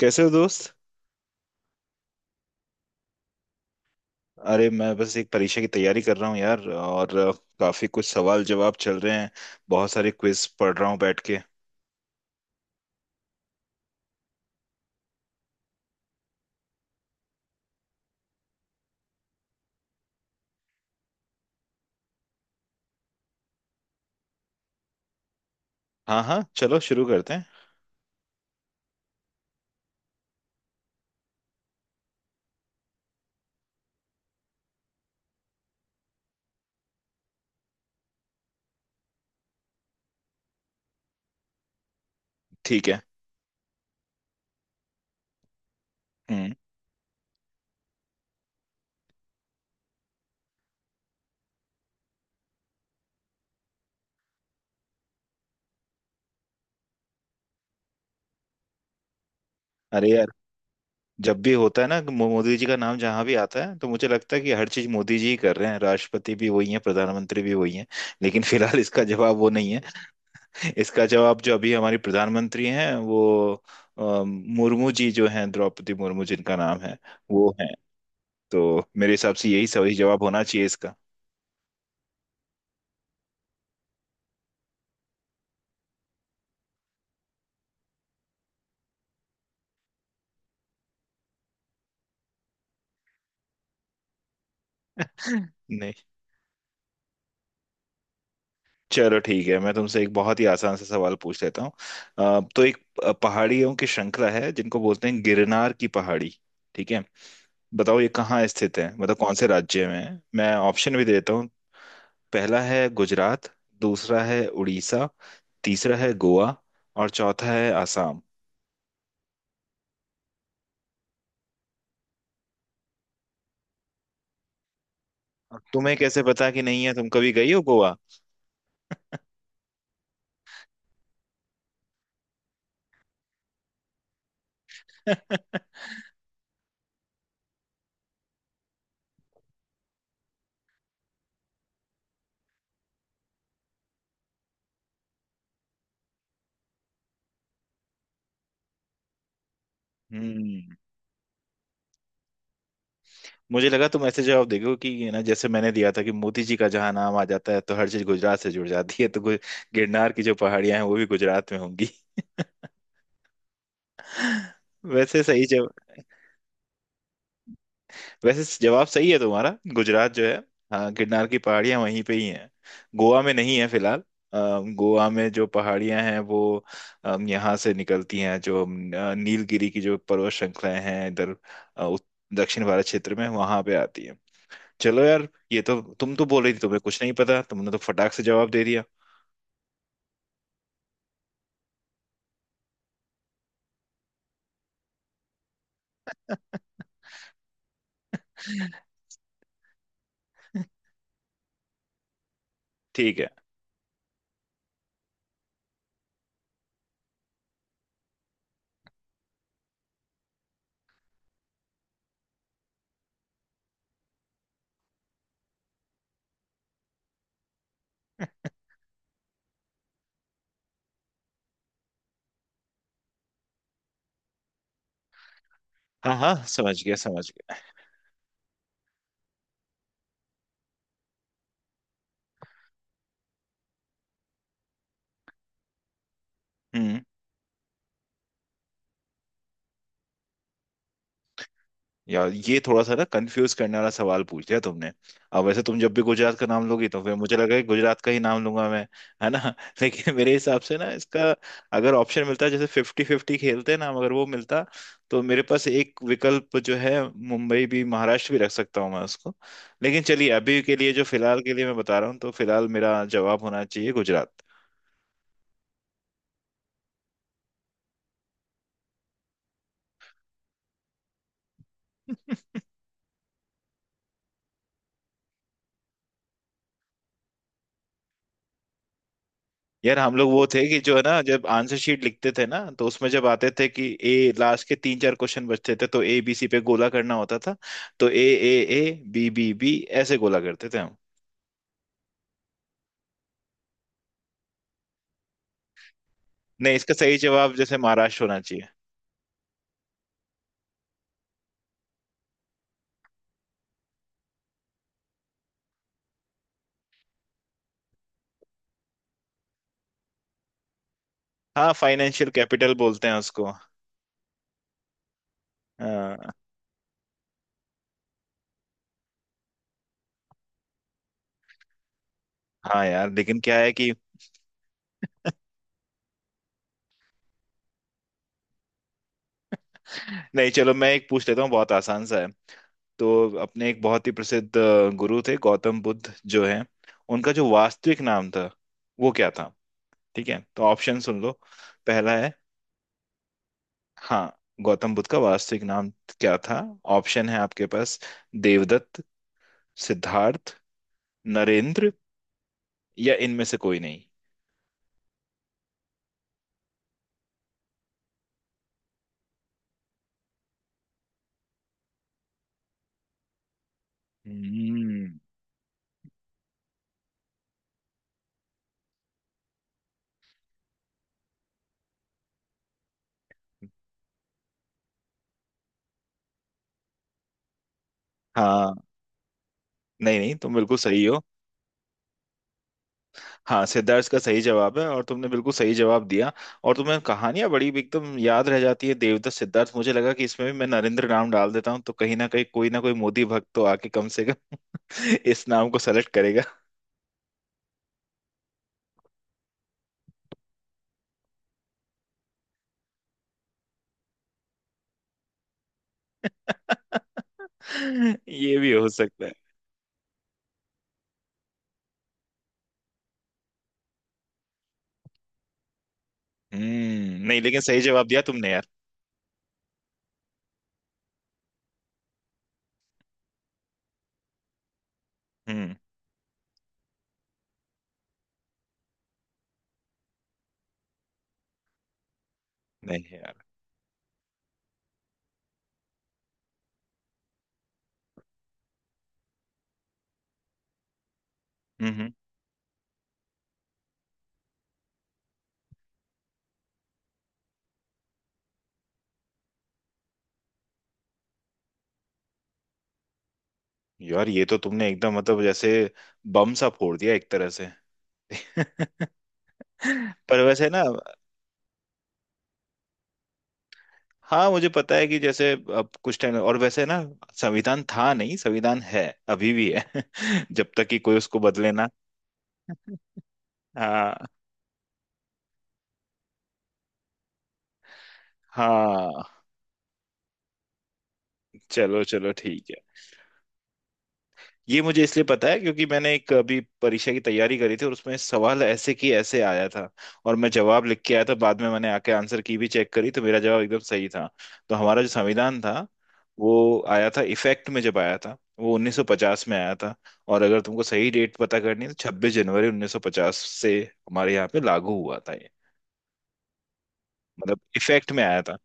कैसे हो दोस्त। अरे मैं बस एक परीक्षा की तैयारी कर रहा हूँ यार और काफी कुछ सवाल जवाब चल रहे हैं। बहुत सारे क्विज पढ़ रहा हूँ बैठ के। हाँ हाँ, चलो शुरू करते हैं। ठीक है। हम्म। अरे यार, जब भी होता है ना मोदी जी का नाम जहाँ भी आता है तो मुझे लगता है कि हर चीज मोदी जी ही कर रहे हैं, राष्ट्रपति भी वही हैं, प्रधानमंत्री भी वही हैं। लेकिन फिलहाल इसका जवाब वो नहीं है। इसका जवाब जो अभी हमारी प्रधानमंत्री हैं वो मुर्मू जी जो हैं, द्रौपदी मुर्मू जिनका नाम है, वो हैं। तो मेरे हिसाब से यही सही जवाब होना चाहिए इसका। नहीं। चलो ठीक है, मैं तुमसे एक बहुत ही आसान सा सवाल पूछ लेता हूँ। तो एक पहाड़ियों की श्रृंखला है जिनको बोलते हैं गिरनार की पहाड़ी। ठीक है, बताओ ये कहाँ स्थित है, मतलब कौन से राज्य में है। मैं ऑप्शन भी देता हूँ। पहला है गुजरात, दूसरा है उड़ीसा, तीसरा है गोवा, और चौथा है आसाम। तुम्हें कैसे पता कि नहीं है? तुम कभी गई हो गोवा? हम्म। मुझे लगा तुम ऐसे जवाब देखो कि ये ना, जैसे मैंने दिया था कि मोती जी का जहाँ नाम आ जाता है तो हर चीज गुजरात से जुड़ जाती है, तो गिरनार की जो पहाड़ियां हैं वो भी गुजरात में होंगी। वैसे सही जवाब, वैसे जवाब सही है तुम्हारा, गुजरात जो है। हाँ, गिरनार की पहाड़ियां वहीं पे ही हैं। गोवा में नहीं है फिलहाल। अ, गोवा में जो पहाड़ियां हैं वो यहाँ से निकलती हैं, जो नीलगिरी की जो पर्वत श्रृंखलाएं हैं इधर, अ, उत- दक्षिण भारत क्षेत्र में वहां पे आती है। चलो यार, ये तो तुम तो बोल रही थी तुम्हें कुछ नहीं पता, तुमने तो फटाक से जवाब दे दिया। ठीक है। हाँ हाँ, समझ गया समझ गया। हम्म। यार, ये थोड़ा सा ना कंफ्यूज करने वाला सवाल पूछ दिया तुमने। अब वैसे तुम जब भी गुजरात का नाम लोगी तो फिर मुझे लगा कि गुजरात का ही नाम लूंगा मैं। है ना? लेकिन मेरे हिसाब से ना इसका, अगर ऑप्शन मिलता जैसे फिफ्टी फिफ्टी खेलते हैं ना हम, अगर वो मिलता तो मेरे पास एक विकल्प जो है, मुंबई भी महाराष्ट्र भी रख सकता हूँ मैं उसको। लेकिन चलिए अभी के लिए, जो फिलहाल के लिए मैं बता रहा हूँ, तो फिलहाल मेरा जवाब होना चाहिए गुजरात। यार हम लोग वो थे कि जो है ना, जब आंसर शीट लिखते थे ना, तो उसमें जब आते थे कि ए लास्ट के तीन चार क्वेश्चन बचते थे तो ए बी सी पे गोला करना होता था। तो A, A, A B B B ऐसे गोला करते थे हम। नहीं, इसका सही जवाब जैसे महाराष्ट्र होना चाहिए। हाँ, फाइनेंशियल कैपिटल बोलते हैं उसको। हाँ हाँ यार, लेकिन क्या है कि नहीं, चलो मैं एक पूछ लेता हूँ, बहुत आसान सा है। तो अपने एक बहुत ही प्रसिद्ध गुरु थे गौतम बुद्ध जो है, उनका जो वास्तविक नाम था वो क्या था? ठीक है, तो ऑप्शन सुन लो। पहला है, हाँ, गौतम बुद्ध का वास्तविक नाम क्या था? ऑप्शन है आपके पास, देवदत्त, सिद्धार्थ, नरेंद्र, या इनमें से कोई नहीं। हम्म। हाँ। नहीं नहीं, तुम बिल्कुल सही हो। हाँ, सिद्धार्थ का सही जवाब है और तुमने बिल्कुल सही जवाब दिया। और तुम्हें कहानियां बड़ी भी एकदम याद रह जाती है। देवदत्त, सिद्धार्थ, मुझे लगा कि इसमें भी मैं नरेंद्र नाम डाल देता हूँ तो कहीं ना कहीं कोई ना कोई मोदी भक्त तो आके कम से कम इस नाम को सेलेक्ट करेगा। ये भी हो सकता है। हम्म। नहीं, लेकिन सही जवाब दिया तुमने यार। हम्म। नहीं यार। हम्म हम्म। यार ये तो तुमने एकदम मतलब जैसे बम सा फोड़ दिया एक तरह से। पर वैसे ना, हाँ मुझे पता है कि जैसे, अब कुछ टाइम और वैसे ना, संविधान था नहीं, संविधान है अभी भी है। जब तक कि कोई उसको बदले ना। हाँ हाँ। चलो चलो ठीक है। ये मुझे इसलिए पता है क्योंकि मैंने एक अभी परीक्षा की तैयारी करी थी और उसमें सवाल ऐसे की ऐसे आया था और मैं जवाब लिख के आया था। बाद में मैंने आके आंसर की भी चेक करी तो मेरा जवाब एकदम सही था। तो हमारा जो संविधान था वो आया था इफेक्ट में, जब आया था वो 1950 में आया था। और अगर तुमको सही डेट पता करनी है तो 26 जनवरी 1950 से हमारे यहाँ पे लागू हुआ था ये, मतलब इफेक्ट में आया था।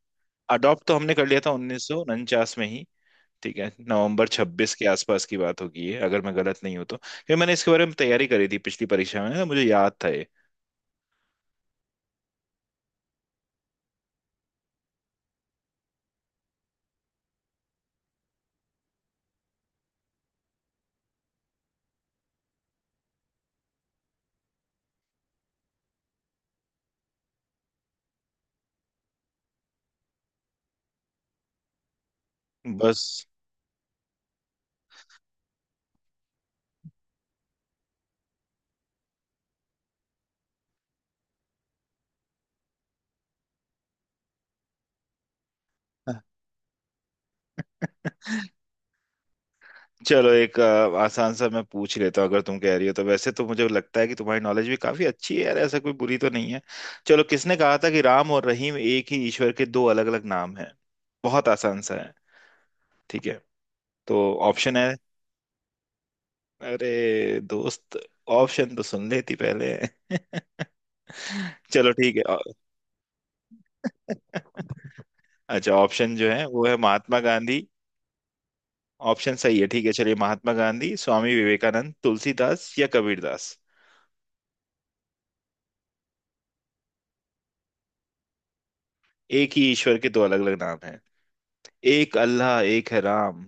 अडॉप्ट तो हमने कर लिया था 1949 में ही। ठीक है, नवंबर छब्बीस के आसपास की बात होगी ये, अगर मैं गलत नहीं हूं तो, क्योंकि मैंने इसके बारे में तैयारी करी थी पिछली परीक्षा में ना, मुझे याद था ये। बस। चलो एक आसान सा मैं पूछ लेता हूँ, अगर तुम कह रही हो तो। वैसे तो मुझे लगता है कि तुम्हारी नॉलेज भी काफी अच्छी है यार, ऐसा कोई बुरी तो नहीं है। चलो, किसने कहा था कि राम और रहीम एक ही ईश्वर के दो अलग अलग नाम हैं? बहुत आसान सा है। ठीक है, तो ऑप्शन है, अरे दोस्त, ऑप्शन तो सुन लेती पहले। चलो ठीक है। अच्छा, ऑप्शन जो है वो है महात्मा गांधी। ऑप्शन सही है ठीक है, चलिए, महात्मा गांधी, स्वामी विवेकानंद, तुलसीदास, या कबीरदास। एक ही ईश्वर के दो अलग अलग नाम हैं, एक अल्लाह एक है राम।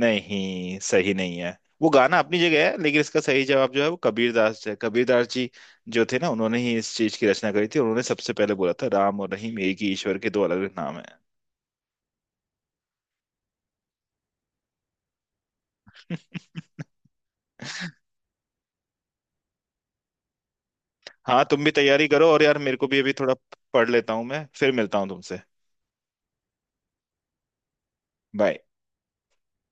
नहीं, सही नहीं है, वो गाना अपनी जगह है, लेकिन इसका सही जवाब जो है वो कबीरदास है। कबीरदास जी जो थे ना, उन्होंने ही इस चीज की रचना करी थी, उन्होंने सबसे पहले बोला था राम और रहीम एक ही ईश्वर के दो अलग अलग नाम हैं। हाँ, तुम भी तैयारी करो और यार मेरे को भी अभी थोड़ा पढ़ लेता हूँ मैं, फिर मिलता हूँ तुमसे। बाय।